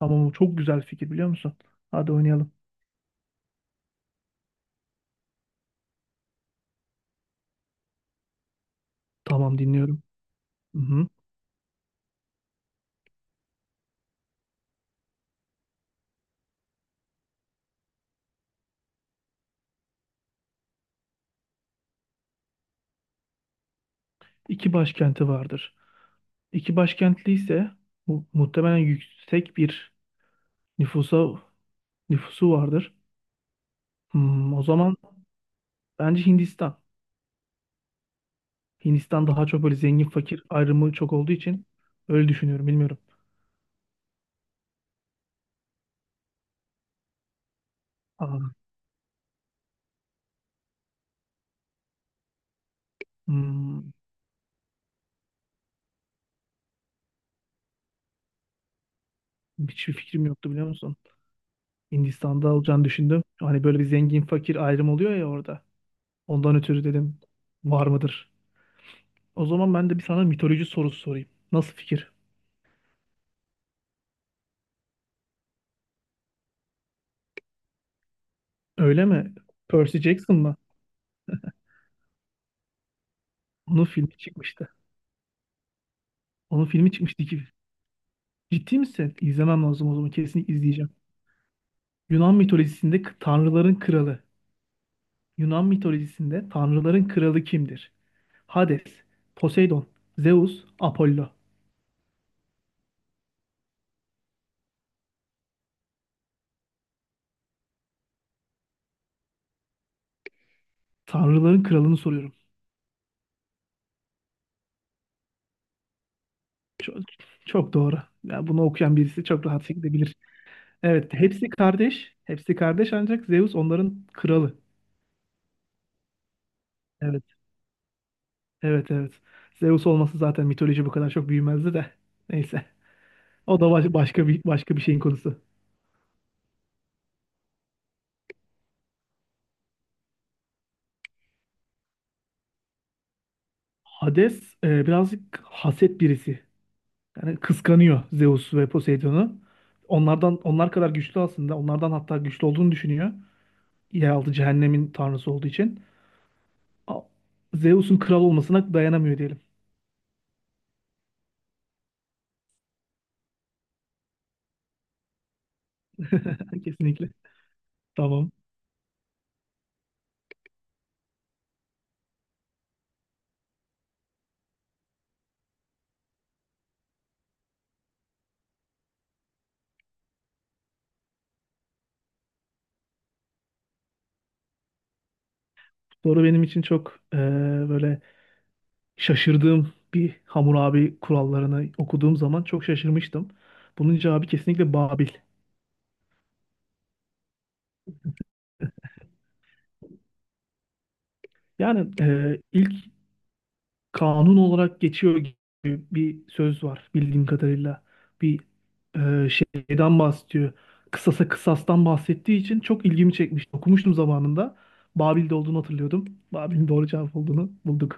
Tamam, bu çok güzel fikir biliyor musun? Hadi oynayalım. Tamam, dinliyorum. Hı-hı. İki başkenti vardır. İki başkentli ise muhtemelen yüksek bir nüfusa nüfusu vardır. O zaman bence Hindistan. Hindistan daha çok böyle zengin fakir ayrımı çok olduğu için öyle düşünüyorum, bilmiyorum. Aa, hmm, hiçbir fikrim yoktu biliyor musun? Hindistan'da olacağını düşündüm. Hani böyle bir zengin fakir ayrım oluyor ya orada. Ondan ötürü dedim var mıdır? O zaman ben de bir sana mitoloji sorusu sorayım. Nasıl fikir? Öyle mi? Percy Jackson mı? Onun filmi çıkmıştı. Onun filmi çıkmıştı ki. Ciddi misin? İzlemem lazım o zaman. Kesinlikle izleyeceğim. Yunan mitolojisinde tanrıların kralı. Yunan mitolojisinde tanrıların kralı kimdir? Hades, Poseidon, Zeus, Apollo. Tanrıların kralını soruyorum. Çok, çok doğru. Ya bunu okuyan birisi çok rahat şekilde bilir. Evet, hepsi kardeş. Hepsi kardeş ancak Zeus onların kralı. Evet. Evet, evet. Zeus olması zaten, mitoloji bu kadar çok büyümezdi de. Neyse. O da başka bir şeyin konusu. Hades birazcık haset birisi. Yani kıskanıyor Zeus ve Poseidon'u. Onlardan onlar kadar güçlü aslında. Onlardan hatta güçlü olduğunu düşünüyor. Yeraltı cehennemin tanrısı olduğu için. A- Zeus'un kral olmasına dayanamıyor diyelim. Kesinlikle. Tamam. Soru benim için çok böyle şaşırdığım bir, Hammurabi kurallarını okuduğum zaman çok şaşırmıştım. Bunun cevabı kesinlikle Babil. Yani ilk kanun olarak geçiyor gibi bir söz var bildiğim kadarıyla. Bir şeyden bahsediyor. Kısasa kısastan bahsettiği için çok ilgimi çekmişti. Okumuştum zamanında. Babil'de olduğunu hatırlıyordum. Babil'in doğru cevap olduğunu bulduk.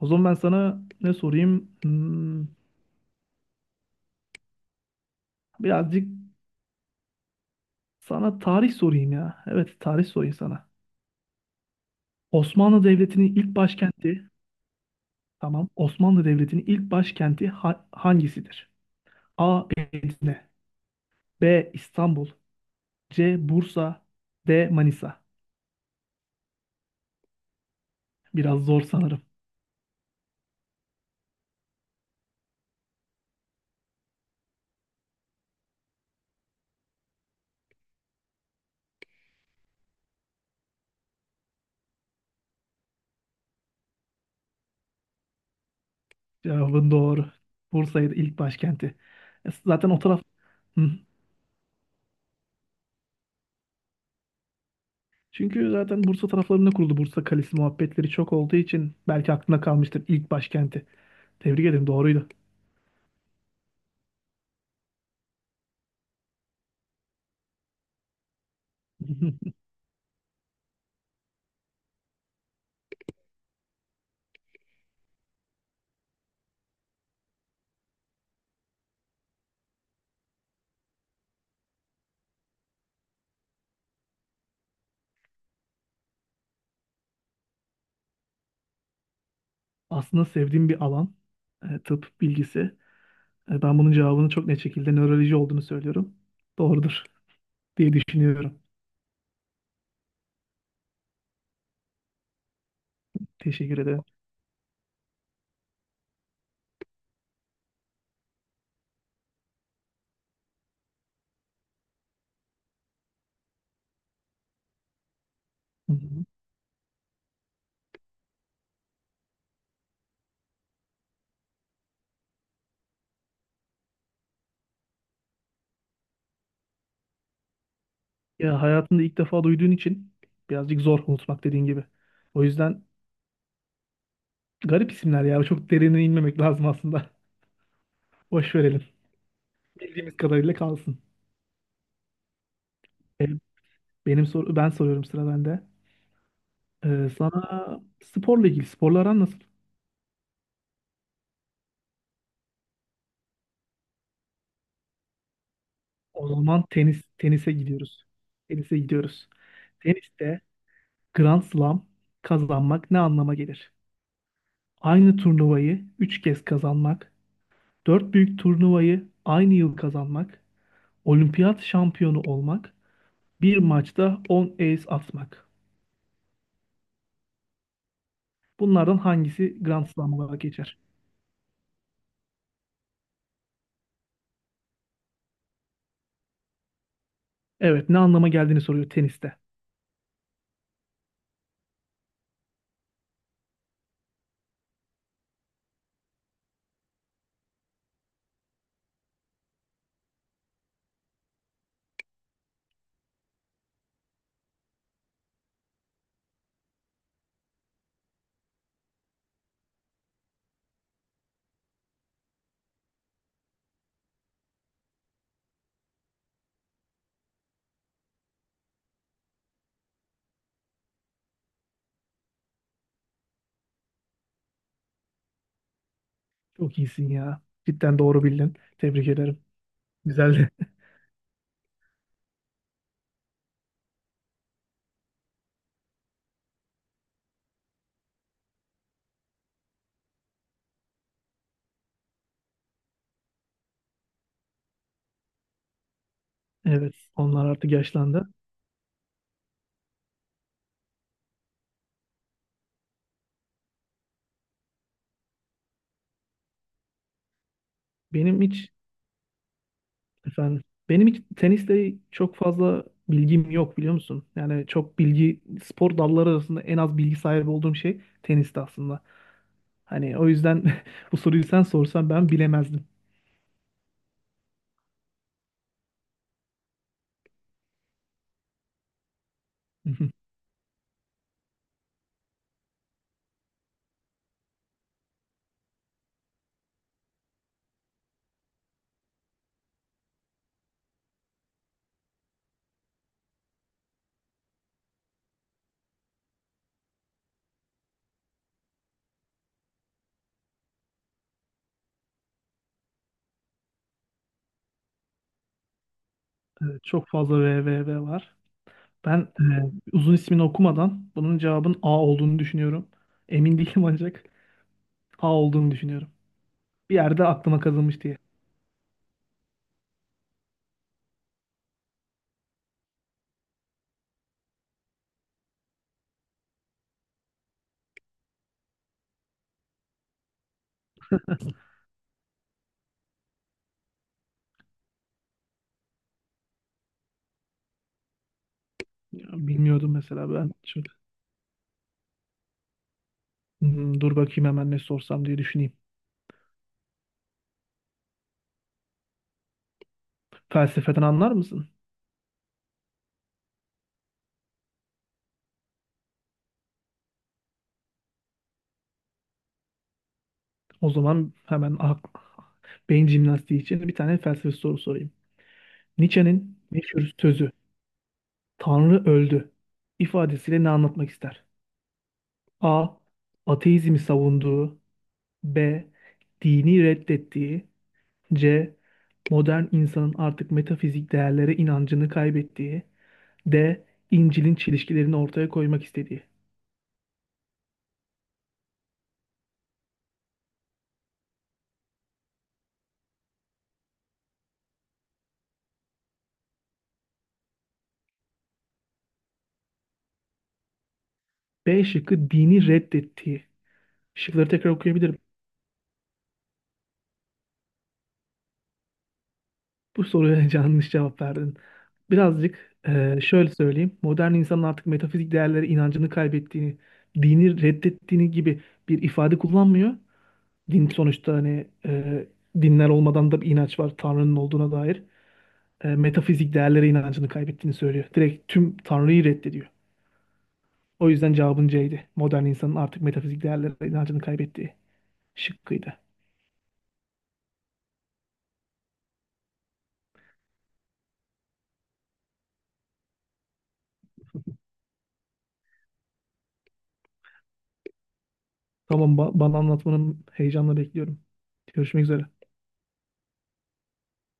O zaman ben sana ne sorayım? Hmm, birazcık sana tarih sorayım ya. Evet, tarih sorayım sana. Osmanlı Devleti'nin ilk başkenti, tamam. Osmanlı Devleti'nin ilk başkenti hangisidir? A. Edirne, B. İstanbul, C. Bursa, D. Manisa. Biraz zor sanırım. Cevabın doğru. Bursa'ydı ilk başkenti. E, zaten o taraf... Hı. Çünkü zaten Bursa taraflarında kuruldu. Bursa Kalesi muhabbetleri çok olduğu için belki aklına kalmıştır ilk başkenti. Tebrik ederim, doğruydu. Aslında sevdiğim bir alan. Tıp bilgisi. Ben bunun cevabını çok net şekilde nöroloji olduğunu söylüyorum. Doğrudur diye düşünüyorum. Teşekkür ederim. Hı hı. Ya hayatında ilk defa duyduğun için birazcık zor unutmak, dediğin gibi. O yüzden garip isimler ya. Çok derine inmemek lazım aslında. Boş verelim. Bildiğimiz kadarıyla kalsın. E, Benim soru, ben soruyorum, sıra bende. Sana sporla aran nasıl? O zaman tenise gidiyoruz. Tenise gidiyoruz. Teniste Grand Slam kazanmak ne anlama gelir? Aynı turnuvayı 3 kez kazanmak, 4 büyük turnuvayı aynı yıl kazanmak, olimpiyat şampiyonu olmak, bir maçta on ace atmak. Bunlardan hangisi Grand Slam olarak geçer? Evet, ne anlama geldiğini soruyor teniste. Çok iyisin ya. Cidden doğru bildin. Tebrik ederim. Güzeldi. Evet, onlar artık yaşlandı. Benim hiç efendim, benim hiç tenisle çok fazla bilgim yok biliyor musun? Yani çok bilgi, spor dalları arasında en az bilgi sahibi olduğum şey tenisti aslında. Hani o yüzden bu soruyu sen sorsan ben bilemezdim. Hı hı. Evet, çok fazla VVV var. Ben uzun ismini okumadan bunun cevabın A olduğunu düşünüyorum. Emin değilim ancak A olduğunu düşünüyorum. Bir yerde aklıma kazınmış diye. Ya, bilmiyordum mesela ben. Şöyle, hmm, dur bakayım hemen ne sorsam diye düşüneyim. Felsefeden anlar mısın? O zaman hemen beyin jimnastiği için bir tane felsefe soru sorayım. Nietzsche'nin meşhur sözü "Tanrı öldü" ifadesiyle ne anlatmak ister? A. Ateizmi savunduğu, B. Dini reddettiği, C. Modern insanın artık metafizik değerlere inancını kaybettiği, D. İncil'in çelişkilerini ortaya koymak istediği. B şıkkı, dini reddettiği. Şıkları tekrar okuyabilirim. Bu soruya yanlış cevap verdin. Birazcık şöyle söyleyeyim. Modern insanın artık metafizik değerlere inancını kaybettiğini, dini reddettiğini gibi bir ifade kullanmıyor. Din sonuçta hani dinler olmadan da bir inanç var Tanrı'nın olduğuna dair. E, metafizik değerlere inancını kaybettiğini söylüyor. Direkt tüm Tanrı'yı reddediyor. O yüzden cevabın C'ydi. Modern insanın artık metafizik değerlere inancını kaybettiği şıkkıydı. Tamam, bana anlatmanın heyecanla bekliyorum. Görüşmek üzere.